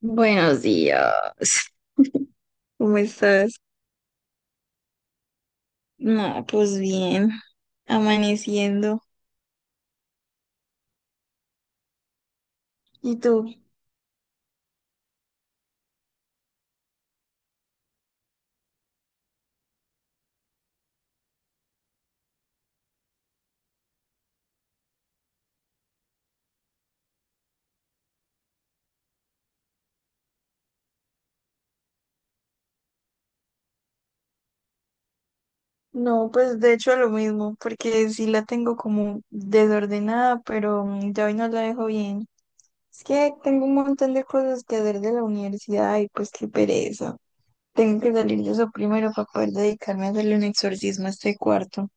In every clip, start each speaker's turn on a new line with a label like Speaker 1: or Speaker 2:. Speaker 1: Buenos días. ¿Cómo estás? No, pues bien, amaneciendo. ¿Y tú? No, pues de hecho lo mismo, porque sí la tengo como desordenada, pero ya hoy no la dejo bien. Es que tengo un montón de cosas que hacer de la universidad y pues qué pereza. Tengo que salir de eso primero para poder dedicarme a hacerle un exorcismo a este cuarto.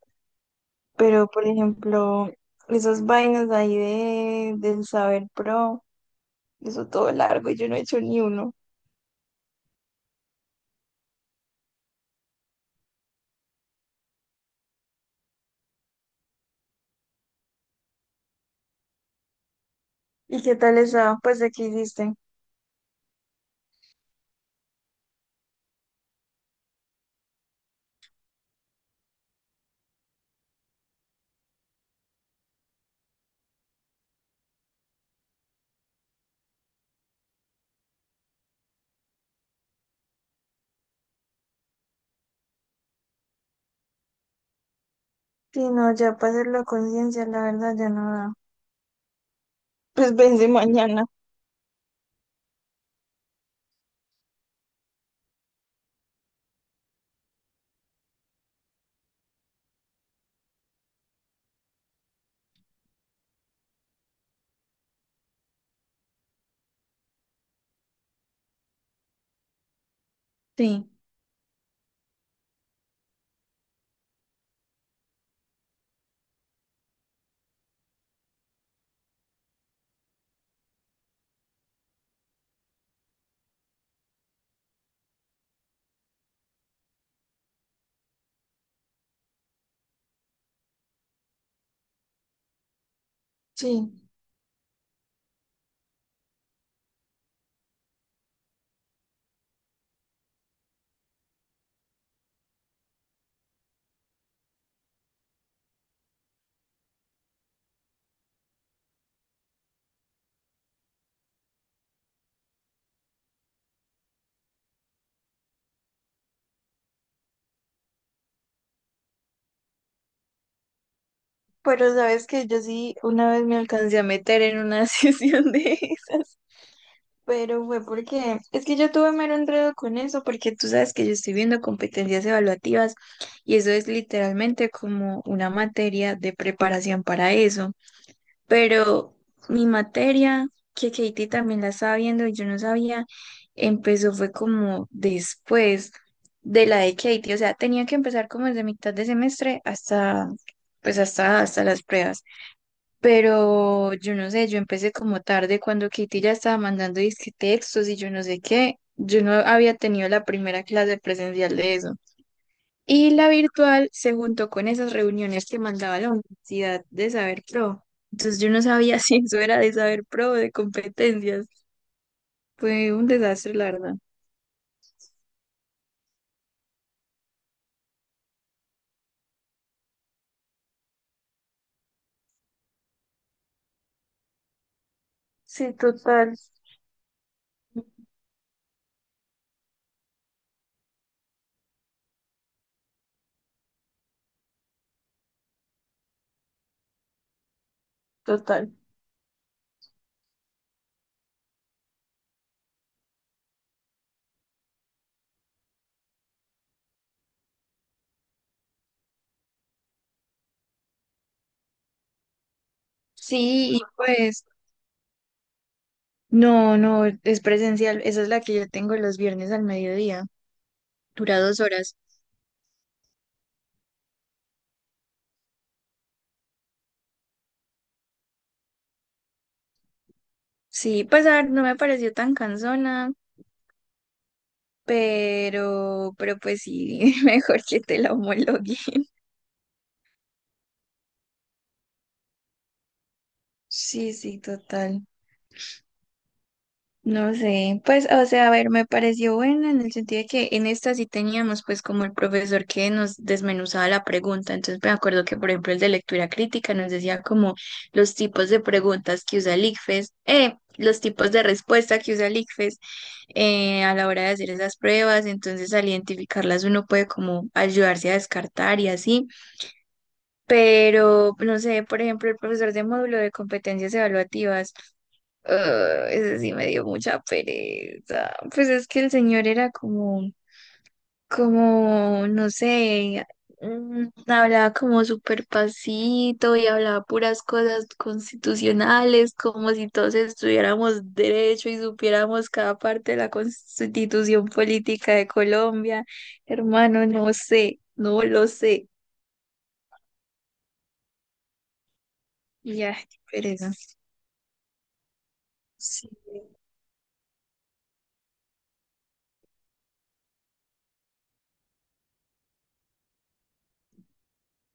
Speaker 1: Pero, por ejemplo, esas vainas ahí del Saber Pro, eso todo largo y yo no he hecho ni uno. ¿Y qué tal estaba? Pues aquí diste. Sí, no, ya para hacerlo a conciencia, la verdad ya no da. Pues vence mañana. Sí. Sí. Pero sabes que yo sí una vez me alcancé a meter en una sesión de esas. Pero fue porque es que yo tuve mero enredo con eso, porque tú sabes que yo estoy viendo competencias evaluativas y eso es literalmente como una materia de preparación para eso. Pero mi materia, que Katie también la estaba viendo y yo no sabía, empezó fue como después de la de Katie. O sea, tenía que empezar como desde mitad de semestre hasta, pues hasta, hasta las pruebas. Pero yo no sé, yo empecé como tarde cuando Katie ya estaba mandando disque textos y yo no sé qué. Yo no había tenido la primera clase presencial de eso. Y la virtual se juntó con esas reuniones que mandaba la Universidad de Saber Pro. Entonces yo no sabía si eso era de Saber Pro o de competencias. Fue un desastre, la verdad. Sí, total, total. Sí, y pues no, no, es presencial. Esa es la que yo tengo los viernes al mediodía. Dura dos horas. Sí, pues a ver, no me pareció tan cansona, pero pues sí, mejor que te la homologuen. Sí, sí, total. No sé, pues, o sea, a ver, me pareció buena en el sentido de que en esta sí teníamos pues como el profesor que nos desmenuzaba la pregunta, entonces me acuerdo que por ejemplo el de lectura crítica nos decía como los tipos de preguntas que usa el ICFES, los tipos de respuesta que usa el ICFES a la hora de hacer esas pruebas, entonces al identificarlas uno puede como ayudarse a descartar y así. Pero, no sé, por ejemplo, el profesor de módulo de competencias evaluativas, ah, ese sí me dio mucha pereza. Pues es que el señor era como, no sé, hablaba como súper pasito y hablaba puras cosas constitucionales, como si todos estudiáramos derecho y supiéramos cada parte de la constitución política de Colombia. Hermano, no sé, no lo sé. Ya, qué pereza.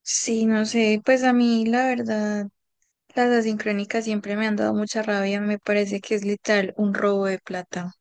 Speaker 1: Sí, no sé, pues a mí la verdad, las asincrónicas siempre me han dado mucha rabia, me parece que es literal un robo de plata.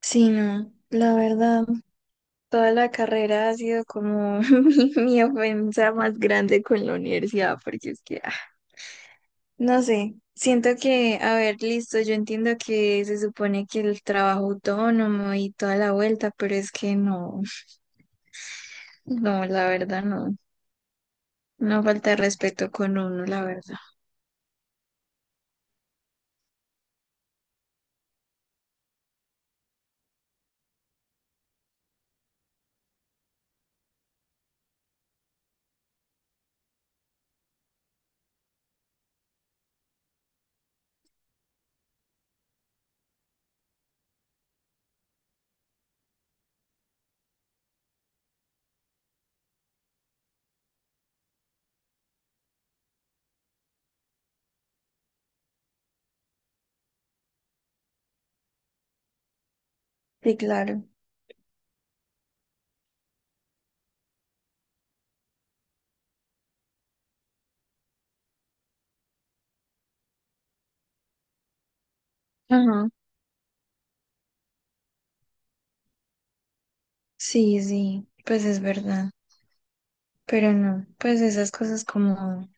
Speaker 1: Sí, no, la verdad, toda la carrera ha sido como mi ofensa más grande con la universidad, porque es que, ah, no sé, siento que, a ver, listo, yo entiendo que se supone que el trabajo autónomo y toda la vuelta, pero es que no, no, la verdad no, no falta de respeto con uno, la verdad. Sí, claro. Ajá. Sí, sí, pues es verdad, pero no, pues esas cosas como,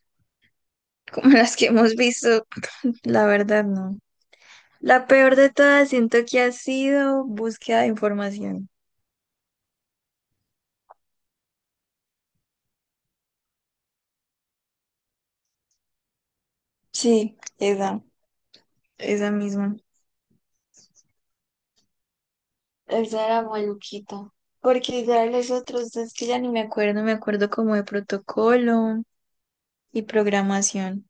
Speaker 1: como las que hemos visto, la verdad no. La peor de todas siento que ha sido búsqueda de información. Sí, esa misma. Esa era maluquita. Porque ya los otros, es que ya ni me acuerdo, me acuerdo como de protocolo y programación.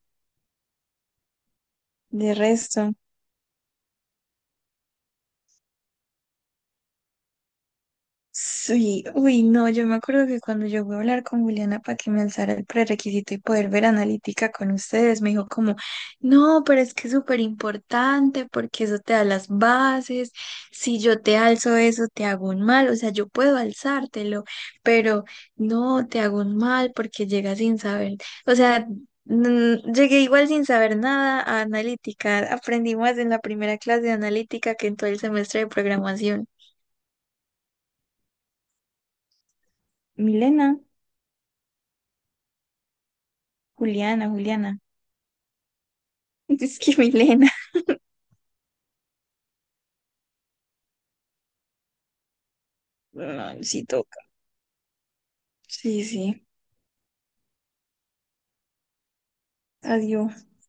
Speaker 1: De resto. Sí, uy, no, yo me acuerdo que cuando yo voy a hablar con Juliana para que me alzara el prerequisito y poder ver analítica con ustedes, me dijo como, no, pero es que es súper importante porque eso te da las bases, si yo te alzo eso te hago un mal, o sea, yo puedo alzártelo, pero no, te hago un mal porque llegas sin saber, o sea, llegué igual sin saber nada a analítica, aprendí más en la primera clase de analítica que en todo el semestre de programación. Milena. Juliana, Juliana. Es que Milena. Ay, sí toca. Sí, sí. Adiós.